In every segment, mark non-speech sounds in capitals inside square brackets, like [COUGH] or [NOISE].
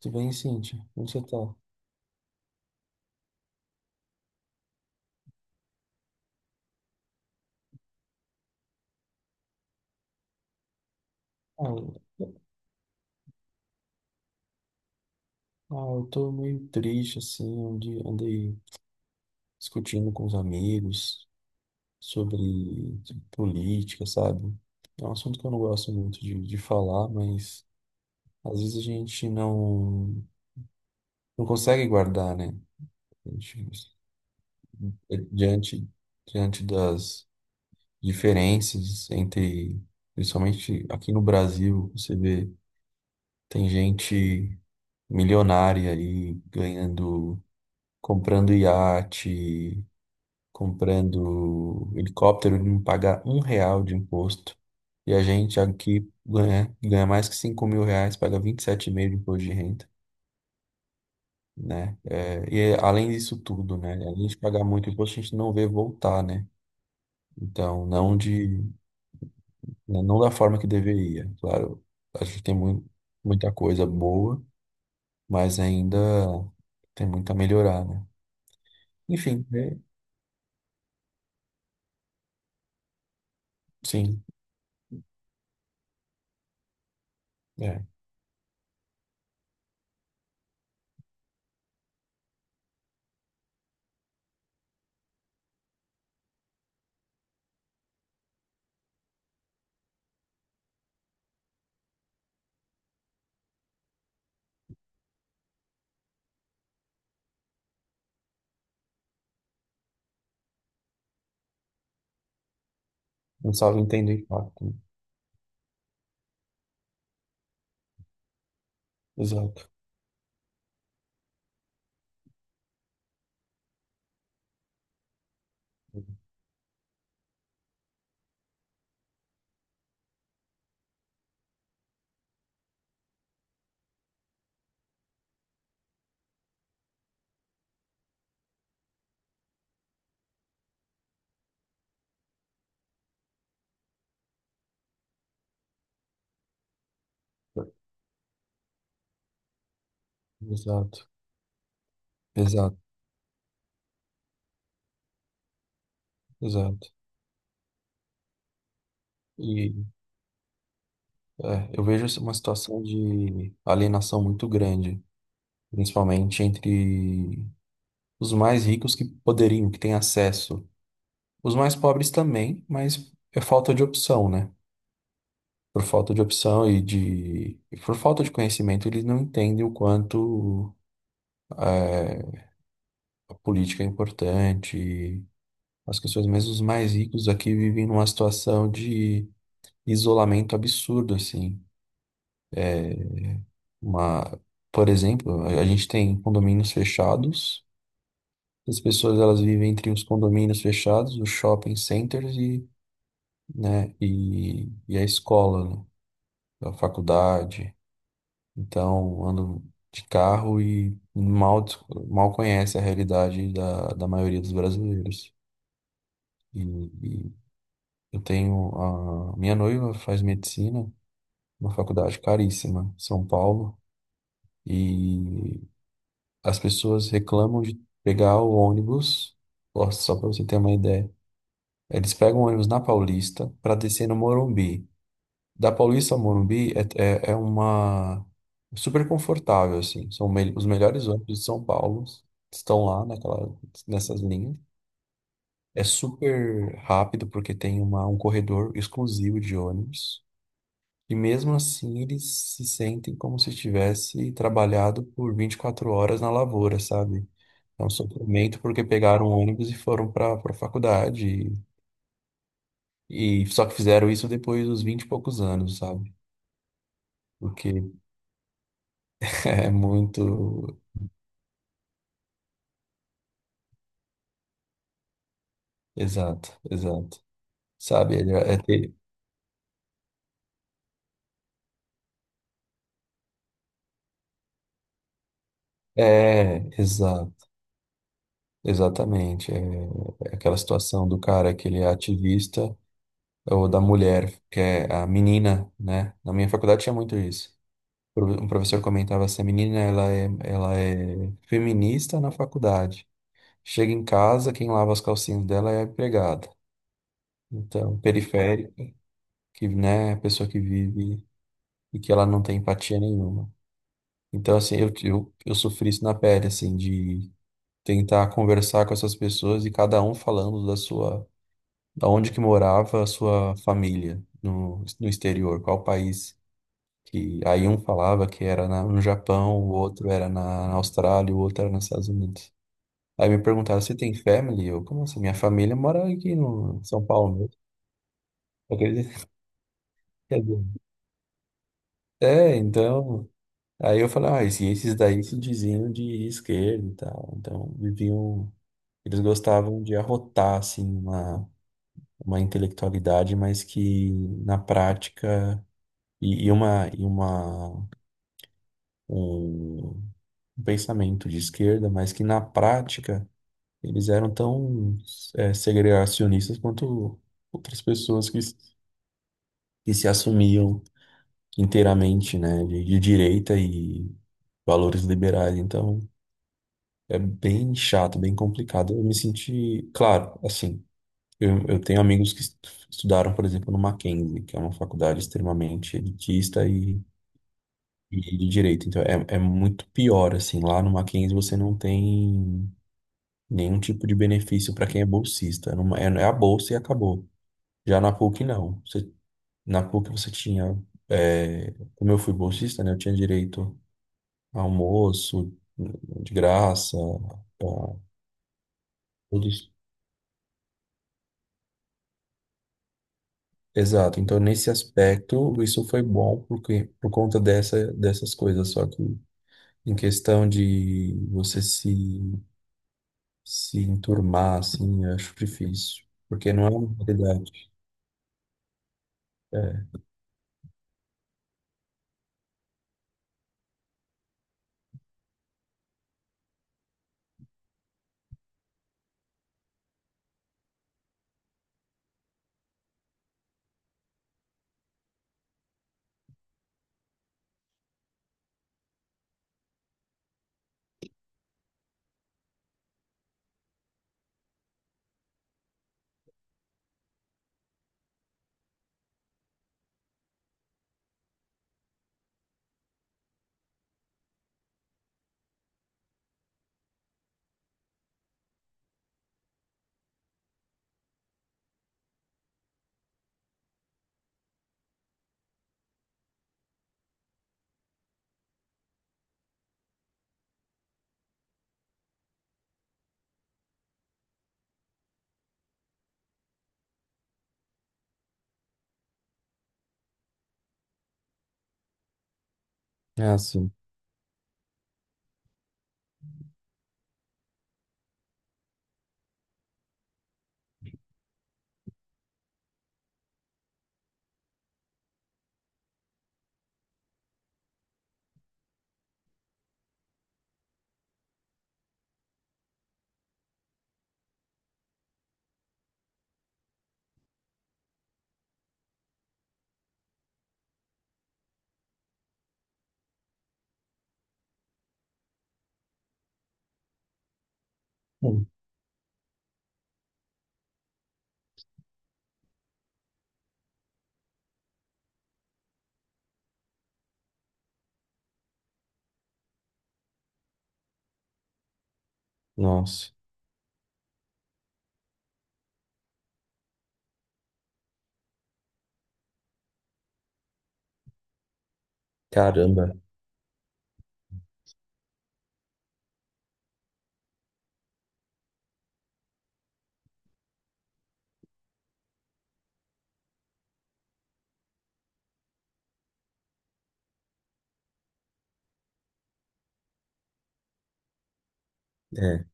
Tudo bem, Cíntia? Como você tá? Ah, eu ah, eu tô meio triste, assim, onde andei discutindo com os amigos sobre política, sabe? É um assunto que eu não gosto muito de falar, mas às vezes a gente não consegue guardar, né? A gente, É diante das diferenças entre, principalmente aqui no Brasil, você vê, tem gente milionária aí ganhando, comprando iate, comprando helicóptero, ele não paga um real de imposto. E a gente aqui ganha mais que 5 mil reais, paga 27,5 de imposto de renda, né? É, e é, além disso tudo, né? Além de pagar muito imposto, a gente não vê voltar, né? Então, não de, né, não da forma que deveria. Claro, a gente tem muita coisa boa, mas ainda tem muito a melhorar, né? Enfim, é, sim, é. Não sabe entender de fato, né? Exato, exato, exato, exato. E é, eu vejo assim, uma situação de alienação muito grande, principalmente entre os mais ricos que poderiam, que têm acesso. Os mais pobres também, mas é falta de opção, né? Por falta de opção e de, e por falta de conhecimento, eles não entendem o quanto é, a política é importante. As pessoas, mesmo os mais ricos aqui, vivem numa situação de isolamento absurdo, assim. Uma, por exemplo, a gente tem condomínios fechados, as pessoas elas vivem entre os condomínios fechados, os shopping centers e, né, e a escola, né, a faculdade. Então, andam de carro e mal, mal conhece a realidade da maioria dos brasileiros. E, e eu tenho a minha noiva faz medicina, uma faculdade caríssima, São Paulo. E as pessoas reclamam de pegar o ônibus, ó, só para você ter uma ideia. Eles pegam o ônibus na Paulista para descer no Morumbi. Da Paulista ao Morumbi é uma super confortável assim. Os melhores ônibus de São Paulo estão lá naquela, nessas linhas. É super rápido porque tem um corredor exclusivo de ônibus. E mesmo assim eles se sentem como se tivesse trabalhado por 24 horas na lavoura, sabe? É um sofrimento porque pegaram um ônibus e foram para faculdade e só que fizeram isso depois dos 20 e poucos anos, sabe? Porque [LAUGHS] é muito exato, exato. Sabe, ele é, é, exato, exatamente. É, é aquela situação do cara que ele é ativista ou da mulher que é a menina, né? Na minha faculdade tinha muito isso. Um professor comentava assim, a menina ela é feminista na faculdade. Chega em casa, quem lava as calcinhas dela é a empregada. Então, periférica, que, né, é a pessoa que vive e que ela não tem empatia nenhuma. Então, assim, eu sofri isso na pele, assim, de tentar conversar com essas pessoas e cada um falando da sua, da onde que morava a sua família no exterior, qual país que aí um falava que era no Japão, o outro era na Austrália, o outro era nos Estados Unidos. Aí me perguntaram, você tem family? Eu, como assim? Minha família mora aqui no em São Paulo. Acredito que é bom. É, então. Aí eu falei, ah, esses daí se diziam de esquerda e tal. Então, viviam. Eles gostavam de arrotar, assim, uma intelectualidade, mas que na prática. E um, um pensamento de esquerda, mas que na prática eles eram tão, segregacionistas quanto outras pessoas que, que se assumiam inteiramente, né, de direita e valores liberais. Então, é bem chato, bem complicado. Eu me senti, claro, assim, eu tenho amigos que estudaram, por exemplo, no Mackenzie, que é uma faculdade extremamente elitista e de direita. Então, é muito pior, assim, lá no Mackenzie você não tem nenhum tipo de benefício para quem é bolsista. É, é a bolsa e acabou. Já na PUC, não. Você, na PUC você tinha, é, como eu fui bolsista, né, eu tinha direito almoço de graça, pá, tudo isso. Exato. Então, nesse aspecto, isso foi bom porque, por conta dessas coisas. Só que em questão de você se enturmar, assim, eu acho difícil. Porque não é uma realidade. É, é assim. Hum. Nossa. Caramba. É,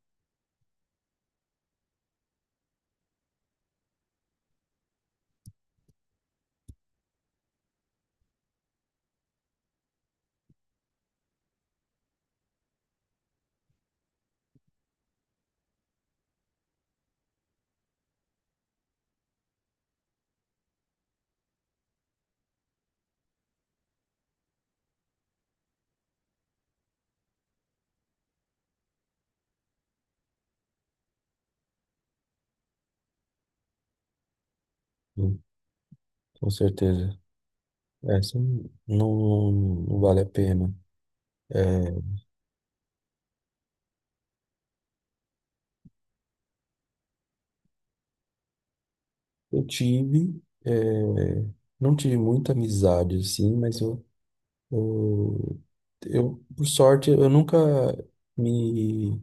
hum, com certeza. Essa não, não vale a pena. É. Eu tive, eh, não tive muita amizade, assim, mas eu, por sorte, eu nunca me,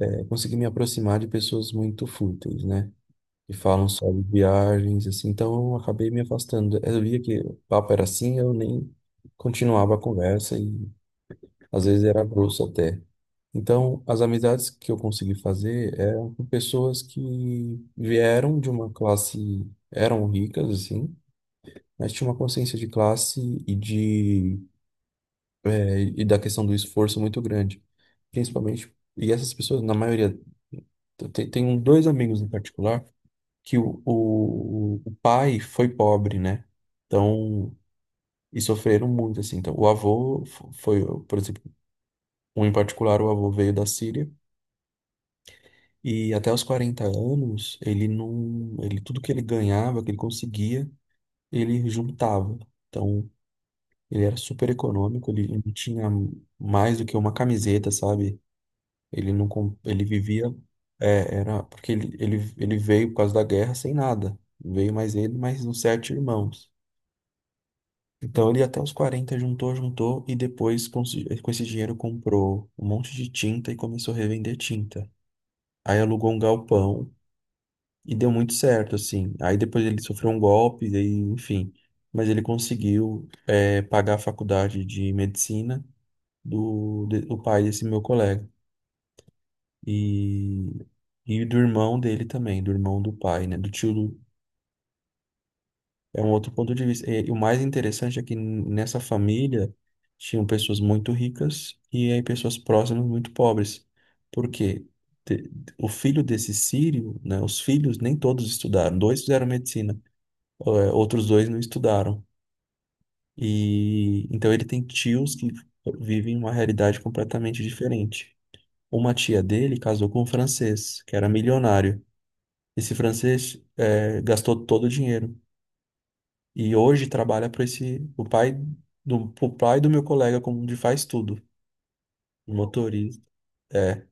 consegui me aproximar de pessoas muito fúteis, né? Que falam só de viagens, assim, então eu acabei me afastando. Eu via que o papo era assim, eu nem continuava a conversa e às vezes era grosso até. Então, as amizades que eu consegui fazer eram com pessoas que vieram de uma classe, eram ricas, assim, mas tinha uma consciência de classe e de e da questão do esforço muito grande, principalmente. E essas pessoas, na maioria, tem dois amigos em particular que o pai foi pobre, né? Então, e sofreram muito, assim. Então, o avô foi, por exemplo, um em particular, o avô veio da Síria e até os 40 anos, ele não, ele tudo que ele ganhava, que ele conseguia, ele juntava. Então, ele era super econômico, ele não tinha mais do que uma camiseta, sabe? Ele não, ele vivia, era porque ele veio por causa da guerra sem nada. Veio mais ele, mais uns sete irmãos. Então ele até os 40 juntou e depois com esse dinheiro comprou um monte de tinta e começou a revender tinta. Aí alugou um galpão e deu muito certo, assim. Aí depois ele sofreu um golpe, e, enfim. Mas ele conseguiu, pagar a faculdade de medicina do pai desse meu colega. E, e do irmão dele também, do irmão do pai, né? Do tio do, é um outro ponto de vista. E o mais interessante é que nessa família tinham pessoas muito ricas e aí pessoas próximas muito pobres. Porque o filho desse Sírio, né? Os filhos nem todos estudaram. Dois fizeram medicina, outros dois não estudaram. E então ele tem tios que vivem uma realidade completamente diferente. Uma tia dele casou com um francês, que era milionário. Esse francês gastou todo o dinheiro e hoje trabalha para esse o pai do pro pai do meu colega como de faz tudo, um motorista. É,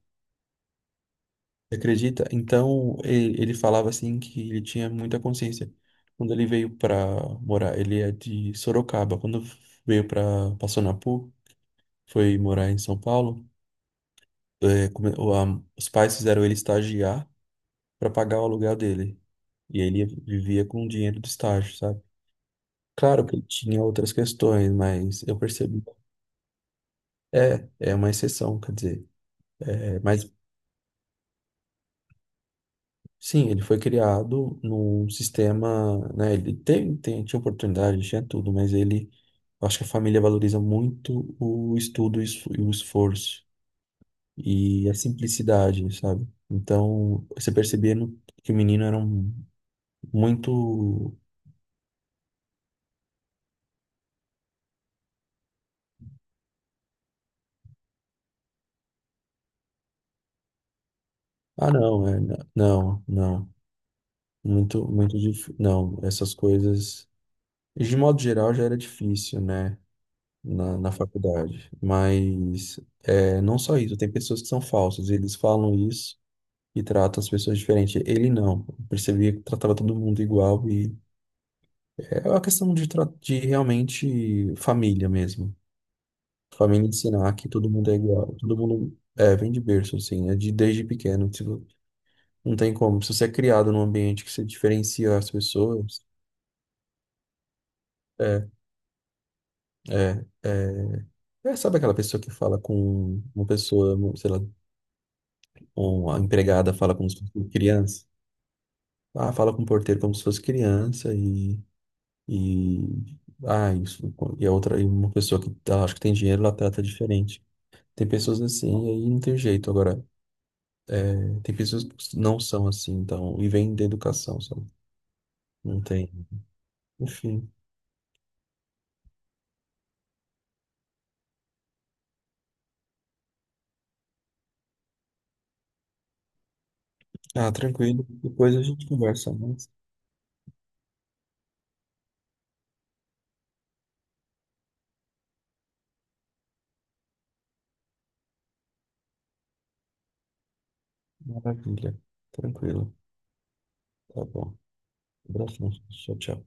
você acredita? Então ele falava assim que ele tinha muita consciência quando ele veio para morar. Ele é de Sorocaba. Quando veio para Passonapu, foi morar em São Paulo. Os pais fizeram ele estagiar para pagar o aluguel dele. E ele vivia com o dinheiro do estágio, sabe? Claro que ele tinha outras questões, mas eu percebi. É, é uma exceção, quer dizer. É, mas sim, ele foi criado num sistema, né? Ele tinha oportunidade, tinha tudo, mas ele. Eu acho que a família valoriza muito o estudo e o esforço e a simplicidade, sabe? Então, você percebia que o menino era um, muito. Ah, não, é, não, não. Muito, muito difícil. Não, essas coisas. De modo geral já era difícil, né? Na faculdade. Mas é, não só isso, tem pessoas que são falsas, eles falam isso e tratam as pessoas diferente. Ele não. Eu percebia que tratava todo mundo igual e é uma questão de realmente família mesmo. Família ensinar que todo mundo é igual. Todo mundo é, vem de berço, assim, né? Desde pequeno. Tipo, não tem como. Se você é criado num ambiente que você diferencia as pessoas. É, é. Sabe aquela pessoa que fala com uma pessoa, um, sei lá, uma empregada fala como se fosse uma criança? Ah, fala com o porteiro como se fosse criança e, ah, isso, e uma pessoa que acho que tem dinheiro, ela trata diferente. Tem pessoas assim, e aí não tem jeito. Agora, tem pessoas que não são assim, então, e vem da educação, sabe? Não tem. Enfim. Ah, tranquilo. Depois a gente conversa mais. Maravilha. Tranquilo. Tá bom. Abraço. Tchau, tchau.